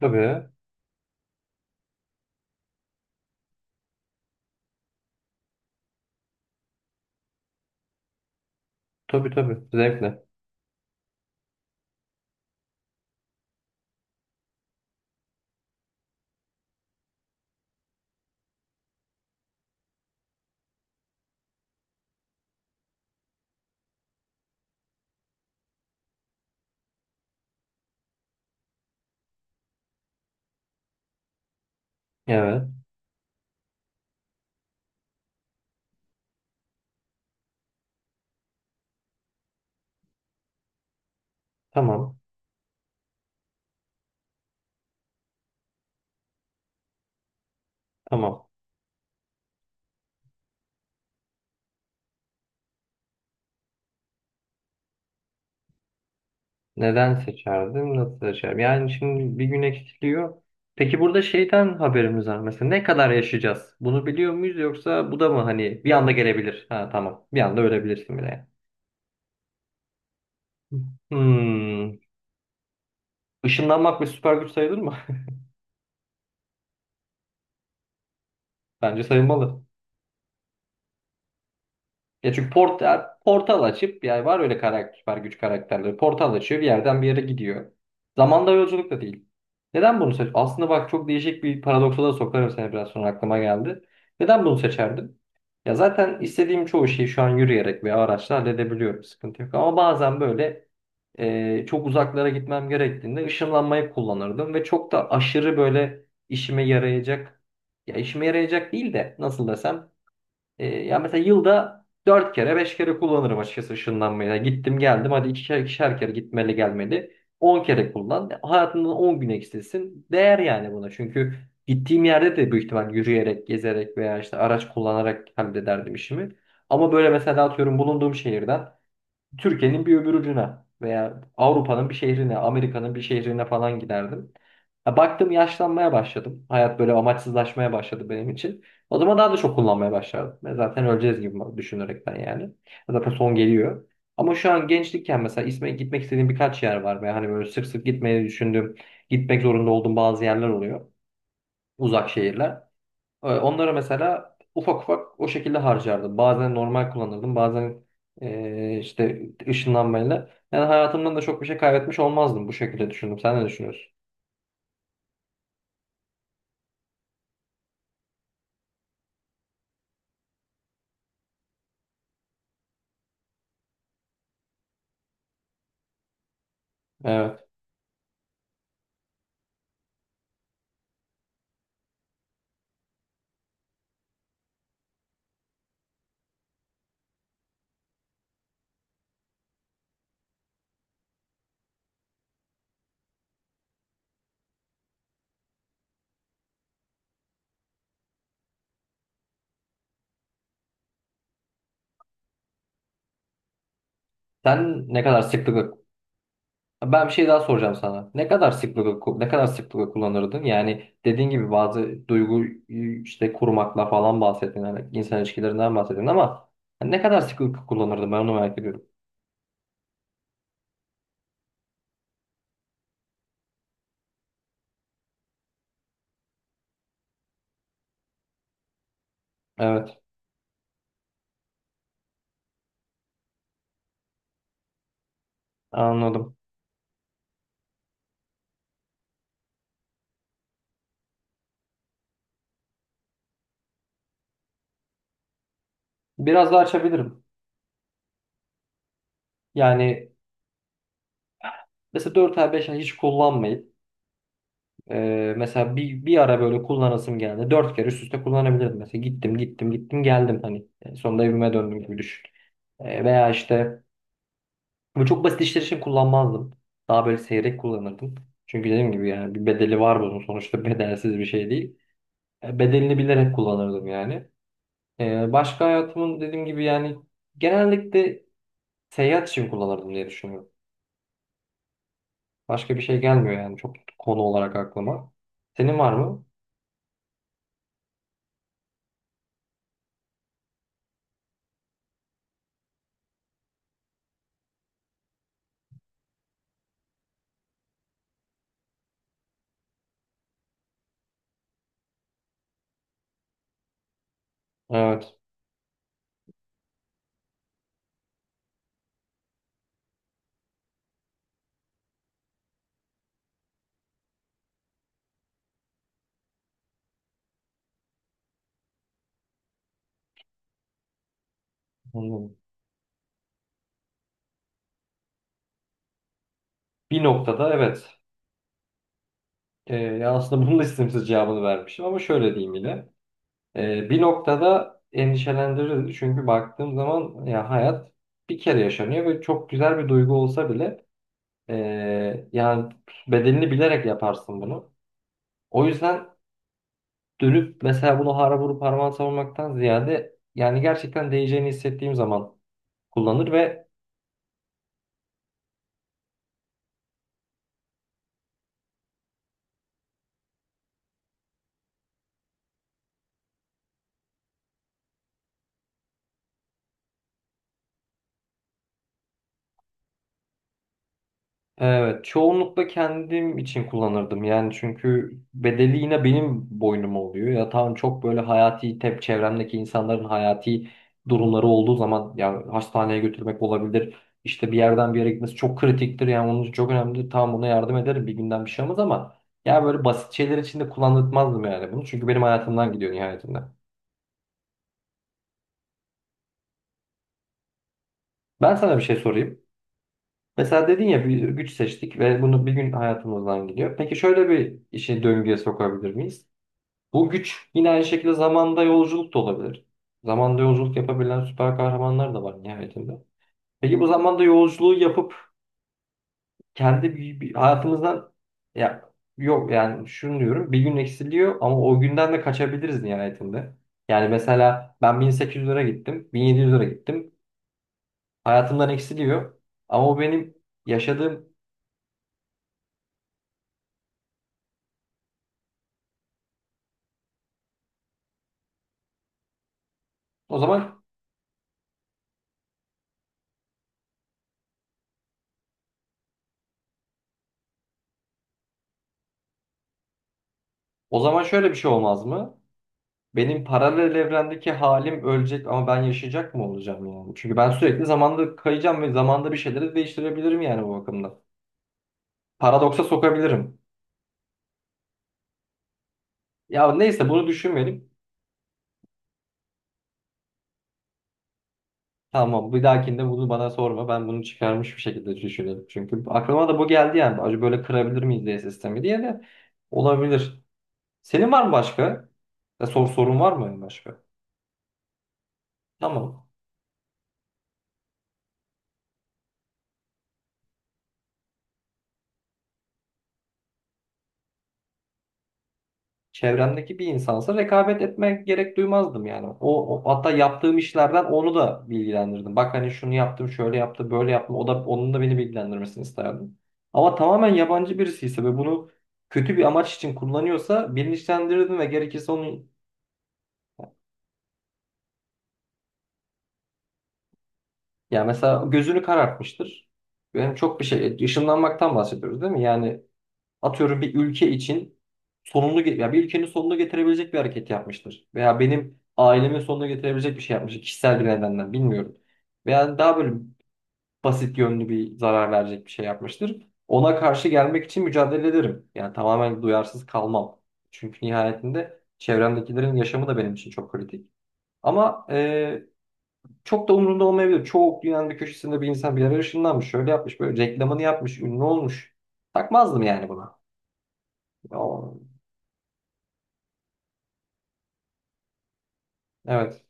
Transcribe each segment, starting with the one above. Tabii. Tabii tabii. Zevkle. Evet. Tamam. Tamam. Neden seçerdim? Nasıl seçerim? Yani şimdi bir gün eksiliyor. Peki burada şeyden haberimiz var mesela. Ne kadar yaşayacağız? Bunu biliyor muyuz, yoksa bu da mı hani bir anda gelebilir? Ha tamam. Bir anda ölebilirsin bile yani. Hmm. Işınlanmak bir süper güç sayılır mı? Bence sayılmalı. Ya çünkü portal açıp, yani var öyle karakter, süper güç karakterleri. Portal açıyor, bir yerden bir yere gidiyor. Zamanda yolculuk da değil. Neden bunu seç? Aslında bak, çok değişik bir paradoksa da sokarım seni, biraz sonra aklıma geldi. Neden bunu seçerdim? Ya zaten istediğim çoğu şeyi şu an yürüyerek veya araçla halledebiliyorum. Sıkıntı yok. Ama bazen böyle çok uzaklara gitmem gerektiğinde ışınlanmayı kullanırdım ve çok da aşırı böyle işime yarayacak, ya işime yarayacak değil de nasıl desem, ya mesela yılda 4 kere 5 kere kullanırım açıkçası ışınlanmayı. Yani gittim geldim, hadi ikişer ikişer kere gitmeli gelmeli. 10 kere kullan, hayatından 10 gün eksilsin. Değer yani buna. Çünkü gittiğim yerde de büyük ihtimal yürüyerek, gezerek veya işte araç kullanarak hallederdim işimi. Ama böyle mesela atıyorum, bulunduğum şehirden Türkiye'nin bir öbür ucuna veya Avrupa'nın bir şehrine, Amerika'nın bir şehrine falan giderdim. Ya baktım yaşlanmaya başladım, hayat böyle amaçsızlaşmaya başladı benim için. O zaman daha da çok kullanmaya başladım. Ben zaten öleceğiz gibi düşünerekten yani. Zaten son geliyor. Ama şu an gençlikken mesela isme gitmek istediğim birkaç yer var. Ve hani böyle sık sık gitmeyi düşündüğüm, gitmek zorunda olduğum bazı yerler oluyor. Uzak şehirler. Onlara mesela ufak ufak o şekilde harcardım. Bazen normal kullanırdım, bazen işte ışınlanmayla. Yani hayatımdan da çok bir şey kaybetmiş olmazdım, bu şekilde düşündüm. Sen ne düşünüyorsun? Evet. Sen ne kadar sıklıkla, ben bir şey daha soracağım sana. Ne kadar sıklıkla kullanırdın? Yani dediğin gibi bazı duygu işte kurmakla falan bahsettin. Yani insan ilişkilerinden bahsettin ama ne kadar sıklıkla kullanırdın? Ben onu merak ediyorum. Evet, anladım. Biraz daha açabilirim. Yani mesela 4 ay 5 ay hiç kullanmayıp mesela bir ara böyle kullanasım geldi. 4 kere üst üste kullanabilirdim. Mesela gittim gittim gittim geldim, hani sonunda evime döndüm gibi düşün. Veya işte bu çok basit işler için kullanmazdım. Daha böyle seyrek kullanırdım. Çünkü dediğim gibi yani bir bedeli var bunun, sonuçta bedelsiz bir şey değil. Bedelini bilerek kullanırdım yani. Başka hayatımın, dediğim gibi yani, genellikle seyahat için kullanırdım diye düşünüyorum. Başka bir şey gelmiyor yani çok konu olarak aklıma. Senin var mı? Evet. Anladım. Bir noktada evet. Ya aslında bunun da istemsiz cevabını vermişim ama şöyle diyeyim yine. Bir noktada endişelendirir. Çünkü baktığım zaman ya hayat bir kere yaşanıyor ve çok güzel bir duygu olsa bile, yani bedelini bilerek yaparsın bunu. O yüzden dönüp mesela bunu hara vurup harman savurmaktan ziyade, yani gerçekten değeceğini hissettiğim zaman kullanır ve evet, çoğunlukla kendim için kullanırdım. Yani çünkü bedeli yine benim boynuma oluyor. Ya tamam, çok böyle hayati, çevremdeki insanların hayati durumları olduğu zaman, ya hastaneye götürmek olabilir. İşte bir yerden bir yere gitmesi çok kritiktir, yani onun için çok önemlidir. Tamam, ona yardım ederim, bir günden bir şey olmaz ama ya böyle basit şeyler için de kullanılmazdım yani bunu. Çünkü benim hayatımdan gidiyor nihayetinde. Ben sana bir şey sorayım. Mesela dedin ya, bir güç seçtik ve bunu bir gün hayatımızdan gidiyor. Peki şöyle bir işi döngüye sokabilir miyiz? Bu güç yine aynı şekilde zamanda yolculuk da olabilir. Zamanda yolculuk yapabilen süper kahramanlar da var nihayetinde. Peki bu zamanda yolculuğu yapıp kendi bir hayatımızdan, ya yok, yani şunu diyorum: bir gün eksiliyor ama o günden de kaçabiliriz nihayetinde. Yani mesela ben 1800 lira gittim, 1700 lira gittim. Hayatımdan eksiliyor ama o benim yaşadığım. O zaman o zaman şöyle bir şey olmaz mı? Benim paralel evrendeki halim ölecek ama ben yaşayacak mı olacağım yani? Çünkü ben sürekli zamanda kayacağım ve zamanda bir şeyleri değiştirebilirim, yani bu bakımdan. Paradoksa sokabilirim. Ya neyse, bunu düşünmeyelim. Tamam, bir dahakinde bunu bana sorma. Ben bunu çıkarmış bir şekilde düşünelim. Çünkü aklıma da bu geldi yani. Acaba böyle kırabilir miyiz diye sistemi, diye de olabilir. Senin var mı başka? Ya, sorun var mı başka? Tamam. Çevremdeki bir insansa rekabet etmek gerek duymazdım yani. Hatta yaptığım işlerden onu da bilgilendirdim. Bak hani, şunu yaptım, şöyle yaptım, böyle yaptım. O da, onun da beni bilgilendirmesini isterdim. Ama tamamen yabancı birisi ise ve bunu kötü bir amaç için kullanıyorsa bilinçlendirirdim ve gerekirse onu, yani mesela gözünü karartmıştır. Yani çok bir şey, ışınlanmaktan bahsediyoruz değil mi? Yani atıyorum, bir ülke için ya bir ülkenin sonunu getirebilecek bir hareket yapmıştır. Veya benim ailemin sonunu getirebilecek bir şey yapmıştır, kişisel bir nedenden bilmiyorum. Veya daha böyle basit yönlü bir zarar verecek bir şey yapmıştır. Ona karşı gelmek için mücadele ederim. Yani tamamen duyarsız kalmam. Çünkü nihayetinde çevremdekilerin yaşamı da benim için çok kritik. Ama çok da umurumda olmayabilir. Çoğu dünyanın bir köşesinde bir insan bir yere ışınlanmış, şöyle yapmış, böyle reklamını yapmış, ünlü olmuş. Takmazdım yani buna. Evet.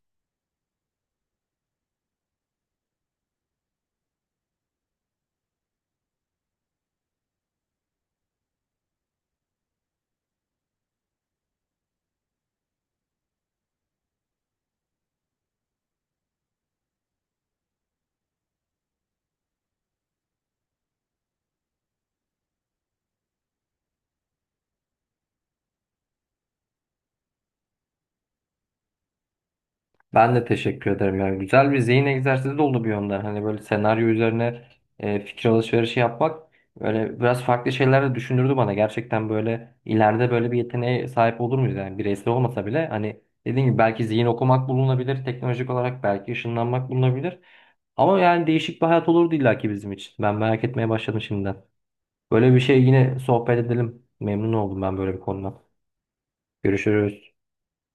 Ben de teşekkür ederim ya. Güzel bir zihin egzersizi de oldu bir yönden. Hani böyle senaryo üzerine fikir alışverişi yapmak, böyle biraz farklı şeyler de düşündürdü bana. Gerçekten böyle ileride böyle bir yeteneğe sahip olur muyuz? Yani bireysel olmasa bile, hani dediğim gibi, belki zihin okumak bulunabilir. Teknolojik olarak belki ışınlanmak bulunabilir. Ama yani değişik bir hayat olurdu illaki bizim için. Ben merak etmeye başladım şimdiden. Böyle bir şey yine sohbet edelim. Memnun oldum ben böyle bir konudan. Görüşürüz.